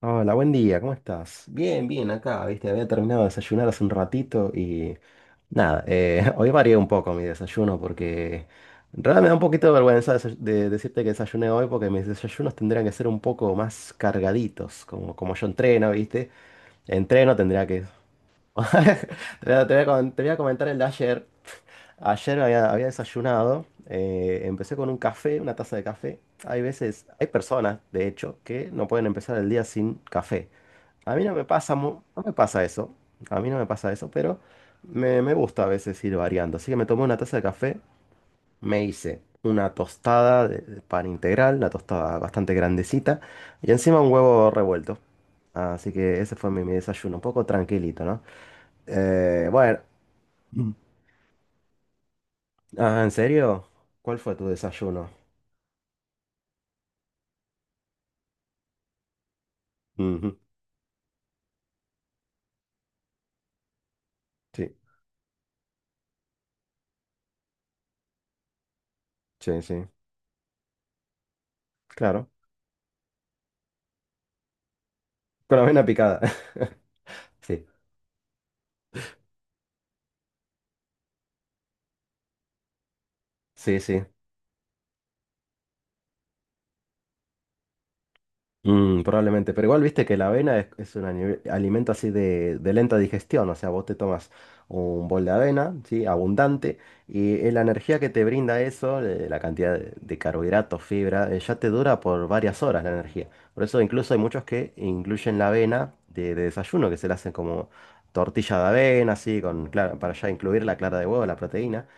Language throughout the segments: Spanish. Hola, buen día, ¿cómo estás? Bien, bien, acá, viste, había terminado de desayunar hace un ratito y nada, hoy varié un poco mi desayuno porque en realidad me da un poquito de vergüenza decirte que desayuné hoy porque mis desayunos tendrían que ser un poco más cargaditos, como yo entreno, viste, entreno tendría que... te voy a com- te voy a comentar el de ayer. Ayer había desayunado, empecé con un café, una taza de café. Hay veces, hay personas, de hecho, que no pueden empezar el día sin café. A mí no me pasa, no me pasa eso, a mí no me pasa eso, pero me gusta a veces ir variando. Así que me tomé una taza de café, me hice una tostada de pan integral, una tostada bastante grandecita, y encima un huevo revuelto. Así que ese fue mi, mi desayuno, un poco tranquilito, ¿no? Bueno. Mm. Ah, ¿en serio? ¿Cuál fue tu desayuno? Ujú, sí, sí, sí. Claro. Con la avena picada. Sí, sí, sí. Mm, probablemente, pero igual viste que la avena es un alimento así de lenta digestión, o sea, vos te tomas un bol de avena, ¿sí? Abundante, y la energía que te brinda eso, la cantidad de carbohidratos, fibra, ya te dura por varias horas la energía. Por eso incluso hay muchos que incluyen la avena de desayuno, que se la hacen como tortilla de avena, así, para ya incluir la clara de huevo, la proteína.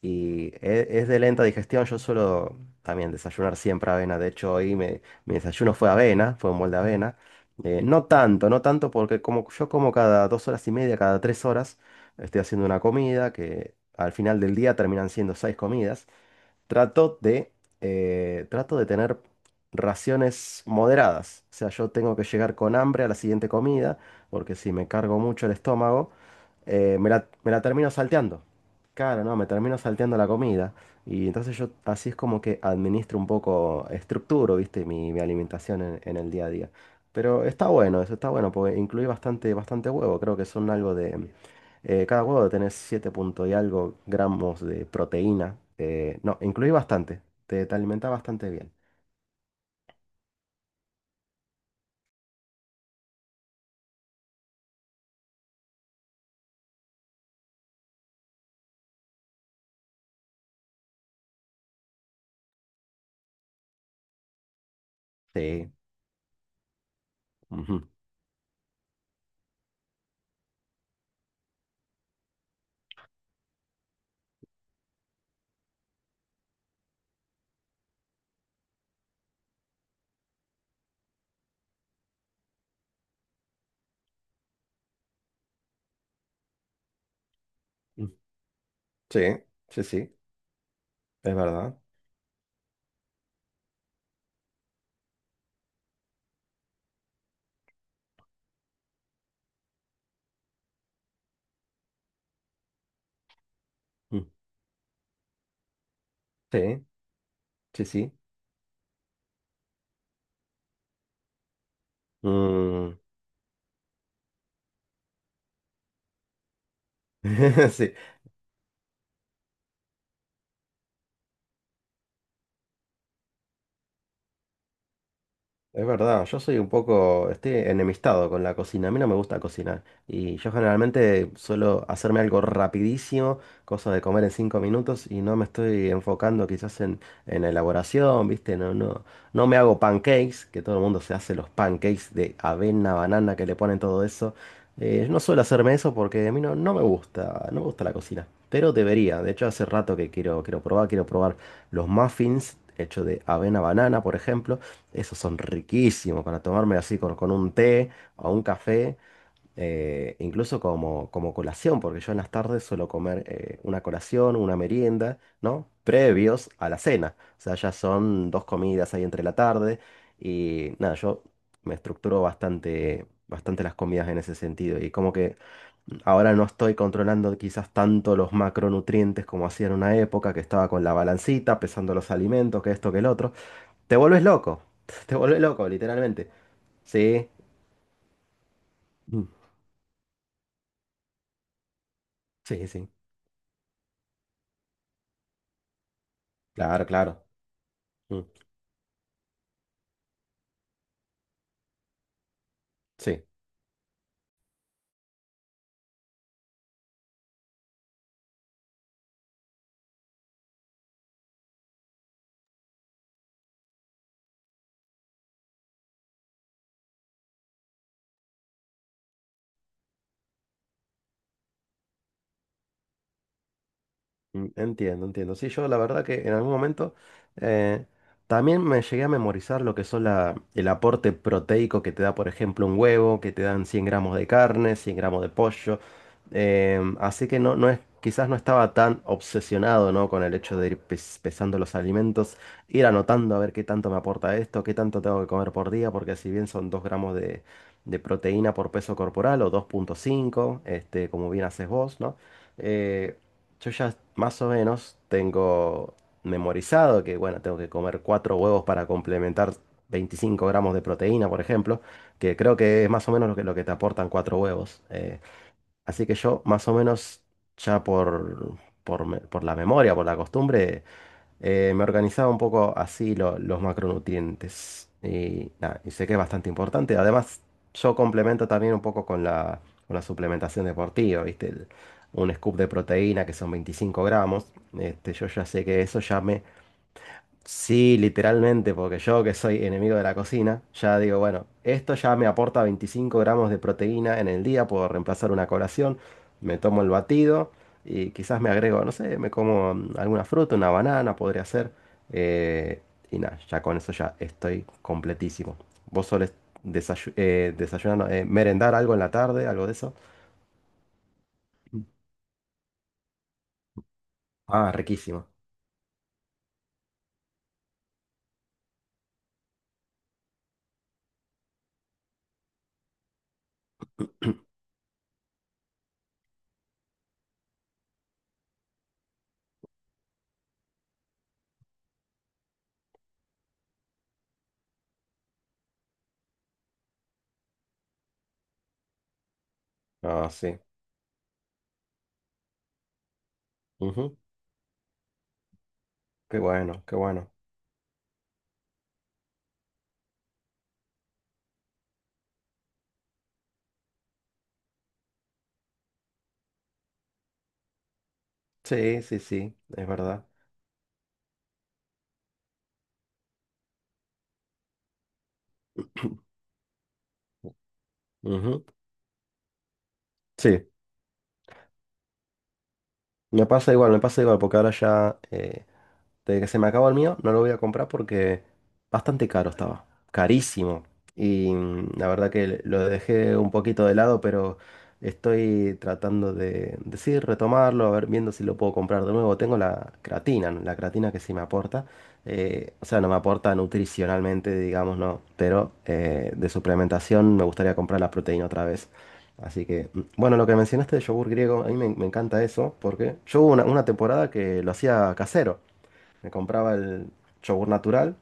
Y es de lenta digestión. Yo suelo también desayunar siempre avena. De hecho, hoy mi desayuno fue avena, fue un molde de avena. No tanto, no tanto porque como yo como cada 2 horas y media, cada 3 horas, estoy haciendo una comida que al final del día terminan siendo seis comidas. Trato de, trato de tener raciones moderadas. O sea, yo tengo que llegar con hambre a la siguiente comida, porque si me cargo mucho el estómago, me la termino salteando. Claro, no, me termino salteando la comida. Y entonces yo así es como que administro un poco, estructuro, viste, mi alimentación en el día a día. Pero está bueno, eso está bueno, porque incluí bastante, bastante huevo. Creo que son algo de, cada huevo debe tener 7 punto y algo gramos de proteína. No, incluí bastante. Te alimenta bastante bien. Sí. Ujú. Mm. Sí, sí, sí. Es verdad. Mm. Sí, sí, sí. Mm. Sí. Es verdad, yo soy un poco, estoy enemistado con la cocina, a mí no me gusta cocinar y yo generalmente suelo hacerme algo rapidísimo, cosa de comer en 5 minutos y no me estoy enfocando quizás en la elaboración, ¿viste? No, no, no me hago pancakes, que todo el mundo se hace los pancakes de avena, banana, que le ponen todo eso. Yo no suelo hacerme eso porque a mí no, no me gusta, no me gusta la cocina, pero debería, de hecho hace rato que quiero, quiero probar los muffins hechos de avena, banana, por ejemplo. Esos son riquísimos para tomarme así con un té o un café, incluso como, como colación, porque yo en las tardes suelo comer una colación, una merienda, ¿no? Previos a la cena. O sea, ya son dos comidas ahí entre la tarde y nada, yo me estructuro bastante, bastante las comidas en ese sentido y como que ahora no estoy controlando quizás tanto los macronutrientes como hacía en una época que estaba con la balancita, pesando los alimentos, que esto, que el otro. Te vuelves loco. Te vuelves loco, literalmente. Sí. Mm. Sí, sí. Claro, claro. Mm. Sí. Mm, entiendo, entiendo. Sí, yo la verdad que en algún momento eh, también me llegué a memorizar lo que son el aporte proteico que te da, por ejemplo, un huevo, que te dan 100 gramos de carne, 100 gramos de pollo. Em, así que no, no es, quizás no estaba tan obsesionado, ¿no?, con el hecho de ir pesando los alimentos, ir anotando a ver qué tanto me aporta esto, qué tanto tengo que comer por día, porque si bien son 2 gramos de proteína por peso corporal o 2,5, este, como bien haces vos, ¿no? Eh, yo ya más o menos tengo memorizado que, bueno, tengo que comer cuatro huevos para complementar 25 gramos de proteína, por ejemplo, que creo que es más o menos lo que te aportan cuatro huevos. Así que yo más o menos ya por la memoria, por la costumbre, me organizaba un poco así los macronutrientes. Y, nada, y sé que es bastante importante. Además, yo complemento también un poco con la suplementación deportiva, ¿viste? Un scoop de proteína que son 25 gramos. Este, yo ya sé que eso ya me... Sí, literalmente, porque yo que soy enemigo de la cocina, ya digo, bueno, esto ya me aporta 25 gramos de proteína en el día, puedo reemplazar una colación, me tomo el batido y quizás me agrego, no sé, me como alguna fruta, una banana, podría ser, eh, y nada, ya con eso ya estoy completísimo. ¿Vos solés desayunar, no, merendar algo en la tarde, algo de eso? Ah, riquísimo. Ah, sí. Ujú. Qué bueno, qué bueno. Sí, sí, sí, es verdad. Ujú. Sí. Me pasa igual, porque ahora ya desde que se me acabó el mío, no lo voy a comprar porque bastante caro estaba, carísimo. Y la verdad que lo dejé un poquito de lado, pero estoy tratando de decir, retomarlo, a ver, viendo si lo puedo comprar de nuevo. Tengo la creatina, ¿no?, la creatina que sí me aporta. O sea, no me aporta nutricionalmente, digamos, no, pero de suplementación me gustaría comprar la proteína otra vez. Así que, mm, bueno, lo que mencionaste de yogur griego, a mí me encanta eso, porque yo hubo una temporada que lo hacía casero. Me compraba el yogur natural.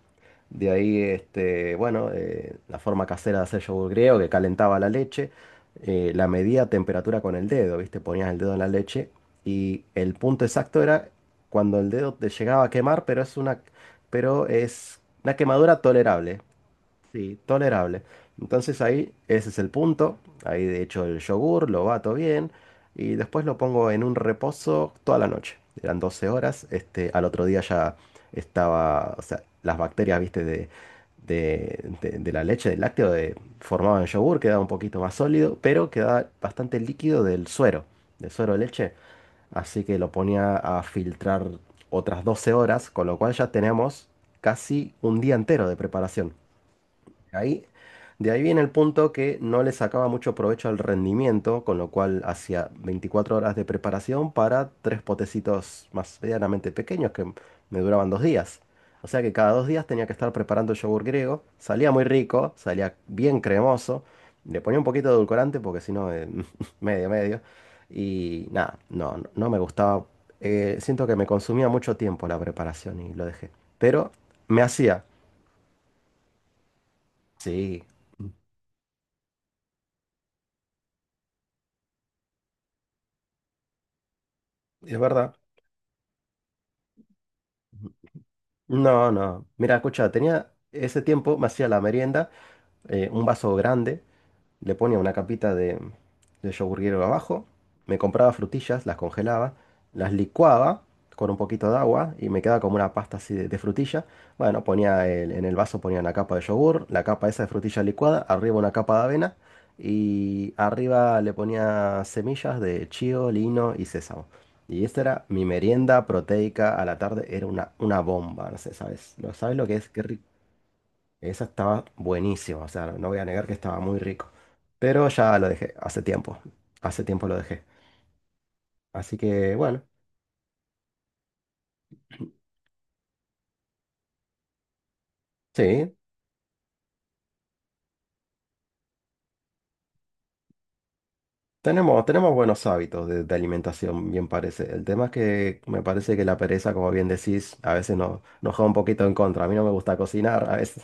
De ahí, este, bueno, la forma casera de hacer yogur griego, que calentaba la leche, la medía a temperatura con el dedo, ¿viste? Ponías el dedo en la leche y el punto exacto era cuando el dedo te llegaba a quemar, pero pero es una quemadura tolerable. Sí, tolerable. Entonces ahí, ese es el punto. Ahí de hecho el yogur lo bato bien y después lo pongo en un reposo toda la noche. Eran 12 horas. Este, al otro día ya estaba, o sea, las bacterias, viste, de la leche, del lácteo, de, formaban yogur, quedaba un poquito más sólido, pero quedaba bastante líquido del suero de leche. Así que lo ponía a filtrar otras 12 horas, con lo cual ya tenemos casi un día entero de preparación. Ahí, de ahí viene el punto que no le sacaba mucho provecho al rendimiento, con lo cual hacía 24 horas de preparación para tres potecitos más medianamente pequeños que me duraban 2 días. O sea que cada 2 días tenía que estar preparando el yogur griego. Salía muy rico, salía bien cremoso. Le ponía un poquito de edulcorante porque si no, medio, medio. Y nada, no, no me gustaba. Siento que me consumía mucho tiempo la preparación y lo dejé. Pero me hacía, sí, es verdad. No, no. Mira, escucha, tenía ese tiempo, me hacía la merienda, un vaso grande, le ponía una capita de yogur griego abajo, me compraba frutillas, las congelaba, las licuaba con un poquito de agua y me quedaba como una pasta así de frutilla. Bueno, ponía en el vaso ponía una capa de yogur, la capa esa de frutilla licuada, arriba una capa de avena y arriba le ponía semillas de chío, lino y sésamo. Y esta era mi merienda proteica a la tarde, era una bomba, no sé, ¿sabes? ¿Lo sabes lo que es? Qué rico. Esa estaba buenísima, o sea, no voy a negar que estaba muy rico. Pero ya lo dejé hace tiempo lo dejé. Así que bueno, sí, tenemos buenos hábitos de alimentación, bien parece. El tema es que me parece que la pereza, como bien decís, a veces nos juega un poquito en contra. A mí no me gusta cocinar a veces.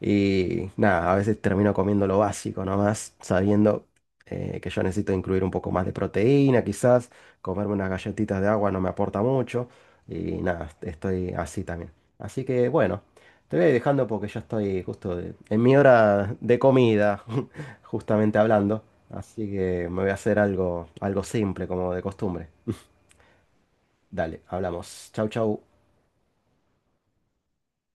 Y nada, a veces termino comiendo lo básico nomás, sabiendo que yo necesito incluir un poco más de proteína, quizás. Comerme unas galletitas de agua no me aporta mucho. Y nada, estoy así también. Así que bueno, te voy a ir dejando porque ya estoy justo en mi hora de comida, justamente hablando. Así que me voy a hacer algo simple como de costumbre. Dale, hablamos. Chau, chau.